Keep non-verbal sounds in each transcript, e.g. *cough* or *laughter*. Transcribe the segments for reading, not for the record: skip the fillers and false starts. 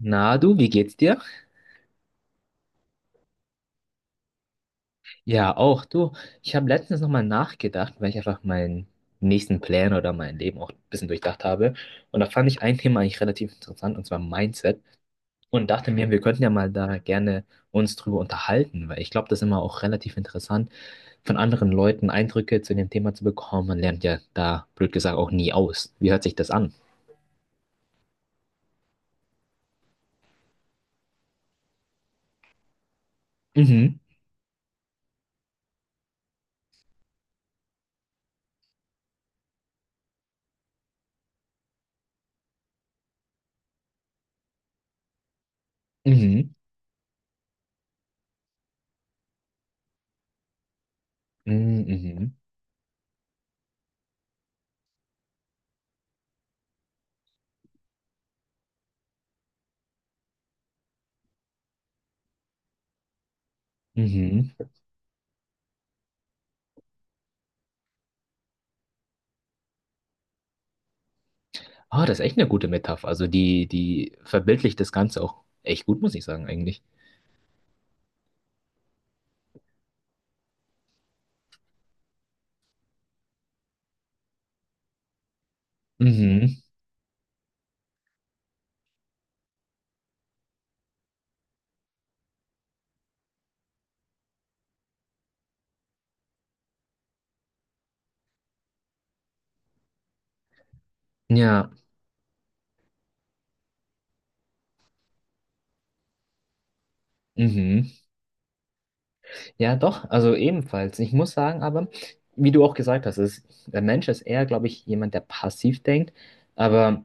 Na du, wie geht's dir? Ja, auch du. Ich habe letztens nochmal nachgedacht, weil ich einfach meinen nächsten Plan oder mein Leben auch ein bisschen durchdacht habe. Und da fand ich ein Thema eigentlich relativ interessant, und zwar Mindset. Und dachte mir, wir könnten ja mal da gerne uns drüber unterhalten, weil ich glaube, das ist immer auch relativ interessant, von anderen Leuten Eindrücke zu dem Thema zu bekommen. Man lernt ja da, blöd gesagt, auch nie aus. Wie hört sich das an? Mhm, mhm, mhm, mhm, mhm. Ah, das ist echt eine gute Metapher. Also die verbildlicht das Ganze auch echt gut, muss ich sagen, eigentlich. Mhm. Ja, mhm. Ja, doch, also ebenfalls. Ich muss sagen, aber, wie du auch gesagt hast, ist, der Mensch ist eher, glaube ich, jemand, der passiv denkt. Aber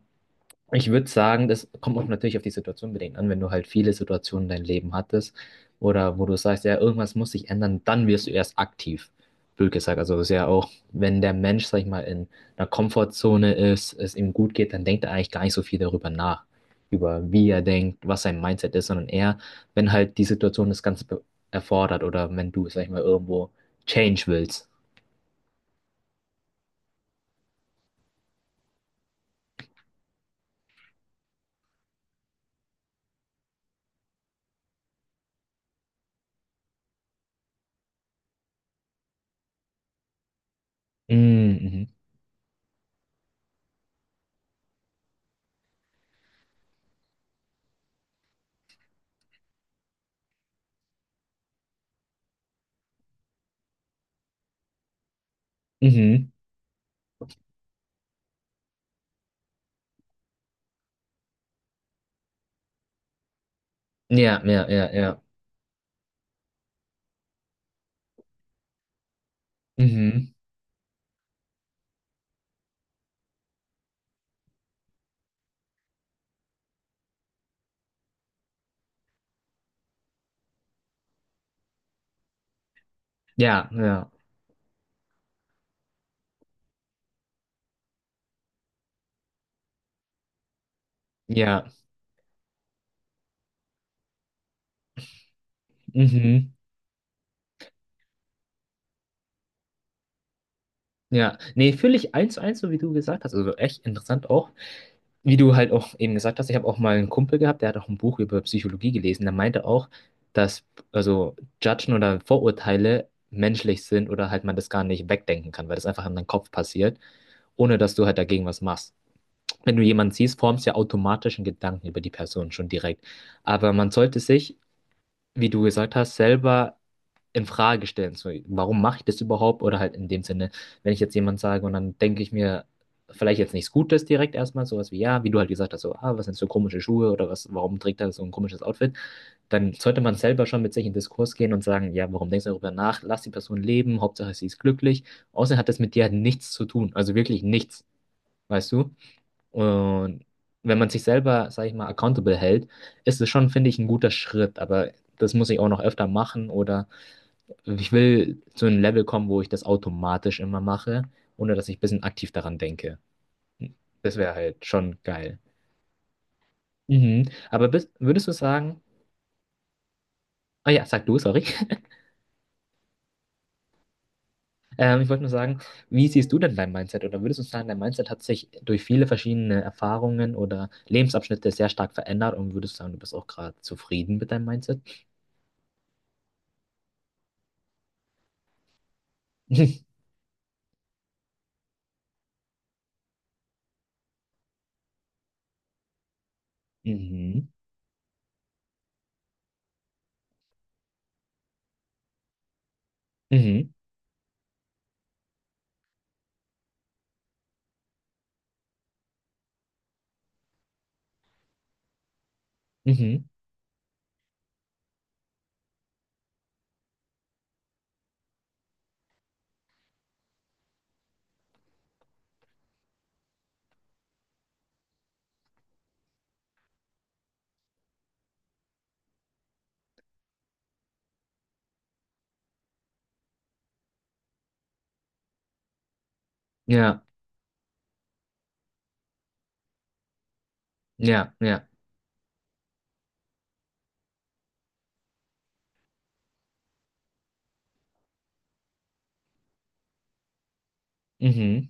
ich würde sagen, das kommt auch natürlich auf die Situation bedingt an, wenn du halt viele Situationen in deinem Leben hattest oder wo du sagst, ja, irgendwas muss sich ändern, dann wirst du erst aktiv, blöd gesagt. Also es ist ja auch, wenn der Mensch, sag ich mal, in einer Komfortzone ist, es ihm gut geht, dann denkt er eigentlich gar nicht so viel darüber nach, über wie er denkt, was sein Mindset ist, sondern eher, wenn halt die Situation das Ganze erfordert oder wenn du, sag ich mal, irgendwo Change willst. Mhm, mhm, mhm. Ja, ja, ja, ja. Mhm. Ja, ja. Ja, mhm. Ja, nee, fühle ich eins zu eins, so wie du gesagt hast. Also echt interessant auch. Wie du halt auch eben gesagt hast, ich habe auch mal einen Kumpel gehabt, der hat auch ein Buch über Psychologie gelesen. Der meinte auch, dass also Judgen oder Vorurteile menschlich sind oder halt man das gar nicht wegdenken kann, weil das einfach in deinem Kopf passiert, ohne dass du halt dagegen was machst. Wenn du jemanden siehst, formst du ja automatisch einen Gedanken über die Person schon direkt. Aber man sollte sich, wie du gesagt hast, selber in Frage stellen. So, warum mache ich das überhaupt? Oder halt in dem Sinne, wenn ich jetzt jemand sage und dann denke ich mir vielleicht jetzt nichts Gutes direkt erstmal, sowas wie, ja, wie du halt gesagt hast, so, ah, was sind so komische Schuhe oder was, warum trägt er so ein komisches Outfit? Dann sollte man selber schon mit sich in Diskurs gehen und sagen, ja, warum denkst du darüber nach? Lass die Person leben, Hauptsache sie ist glücklich. Außerdem hat das mit dir halt nichts zu tun, also wirklich nichts, weißt du? Und wenn man sich selber, sag ich mal, accountable hält, ist es schon, finde ich, ein guter Schritt, aber das muss ich auch noch öfter machen oder ich will zu einem Level kommen, wo ich das automatisch immer mache, ohne dass ich ein bisschen aktiv daran denke. Das wäre halt schon geil. Mhm. Aber würdest du sagen, ah ja, sag du, sorry. *laughs* Ich wollte nur sagen, wie siehst du denn dein Mindset? Oder würdest du sagen, dein Mindset hat sich durch viele verschiedene Erfahrungen oder Lebensabschnitte sehr stark verändert und würdest sagen, du bist auch gerade zufrieden mit deinem Mindset? *laughs* Mhm. Mhm. Mhm. Ja, ja, ja. Mhm.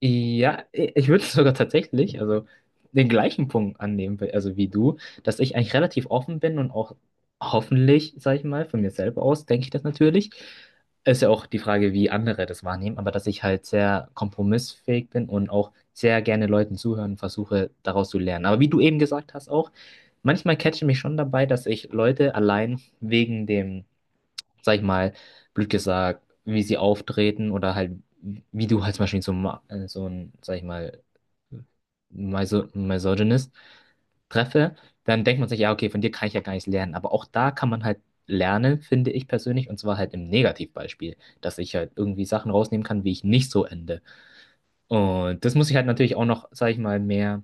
Ja, ich würde sogar tatsächlich, also den gleichen Punkt annehmen, also wie du, dass ich eigentlich relativ offen bin und auch hoffentlich, sag ich mal, von mir selber aus denke ich das natürlich. Ist ja auch die Frage, wie andere das wahrnehmen, aber dass ich halt sehr kompromissfähig bin und auch sehr gerne Leuten zuhören und versuche, daraus zu lernen. Aber wie du eben gesagt hast auch, manchmal catche mich schon dabei, dass ich Leute allein wegen dem, sag ich mal, blöd gesagt, wie sie auftreten oder halt, wie du halt zum Beispiel so, so ein, sag ich mal, Misogynist treffe, dann denkt man sich, ja, okay, von dir kann ich ja gar nichts lernen. Aber auch da kann man halt lernen, finde ich persönlich, und zwar halt im Negativbeispiel, dass ich halt irgendwie Sachen rausnehmen kann, wie ich nicht so ende. Und das muss ich halt natürlich auch noch, sag ich mal, mehr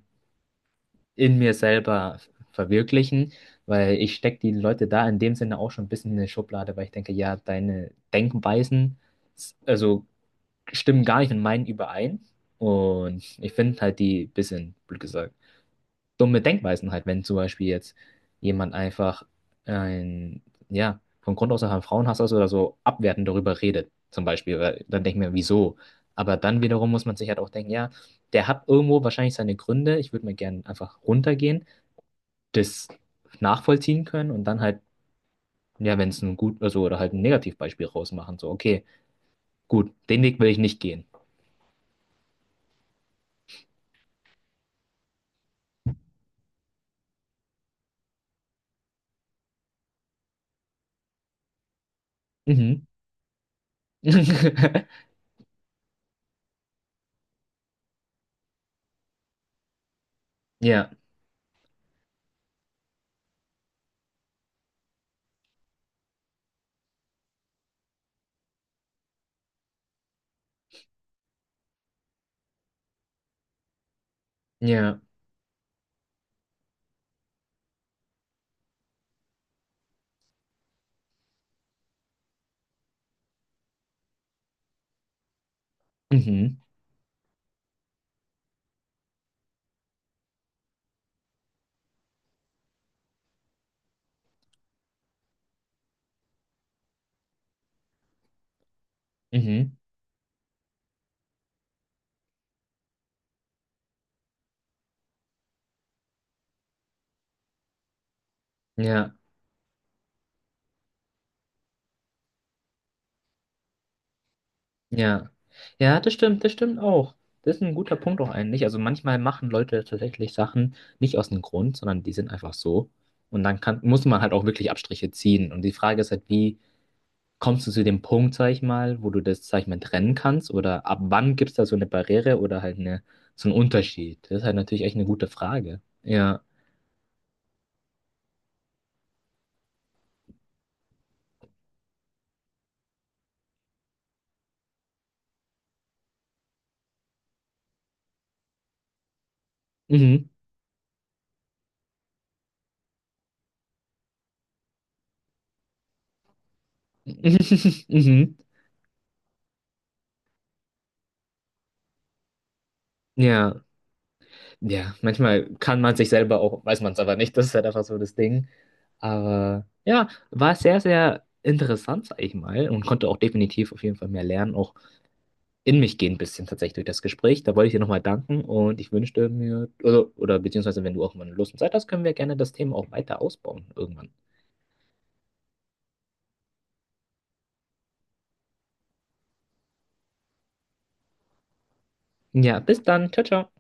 in mir selber verwirklichen, weil ich stecke die Leute da in dem Sinne auch schon ein bisschen in eine Schublade, weil ich denke, ja, deine Denkweisen, also stimmen gar nicht mit meinen überein. Und ich finde halt die bisschen, blöd gesagt, dumme Denkweisen halt, wenn zum Beispiel jetzt jemand einfach ein, ja, von Grund aus einfach ein Frauenhass ist oder so abwertend darüber redet, zum Beispiel, weil dann denke ich mir, wieso? Aber dann wiederum muss man sich halt auch denken, ja, der hat irgendwo wahrscheinlich seine Gründe. Ich würde mir gerne einfach runtergehen, das nachvollziehen können und dann halt, ja, wenn es ein gut, also oder halt ein Negativbeispiel rausmachen, so, okay, gut, den Weg will ich nicht gehen. Mhm. *laughs* Ja, ja, mhm, mhm, ja, ja. Ja, das stimmt auch. Das ist ein guter Punkt auch eigentlich. Also manchmal machen Leute tatsächlich Sachen nicht aus dem Grund, sondern die sind einfach so. Und dann kann, muss man halt auch wirklich Abstriche ziehen. Und die Frage ist halt, wie kommst du zu dem Punkt, sag ich mal, wo du das, sag ich mal, trennen kannst? Oder ab wann gibt es da so eine Barriere oder halt eine, so einen Unterschied? Das ist halt natürlich echt eine gute Frage. Ja. Mhm. *laughs* Mhm. Ja. Ja. Manchmal kann man sich selber auch, weiß man es aber nicht, das ist halt einfach so das Ding. Aber ja, war sehr, sehr interessant, sag ich mal, und konnte auch definitiv auf jeden Fall mehr lernen, auch in mich gehen ein bisschen tatsächlich durch das Gespräch. Da wollte ich dir nochmal danken und ich wünschte mir, oder beziehungsweise wenn du auch mal Lust und Zeit hast, können wir gerne das Thema auch weiter ausbauen irgendwann. Ja, bis dann. Ciao, ciao.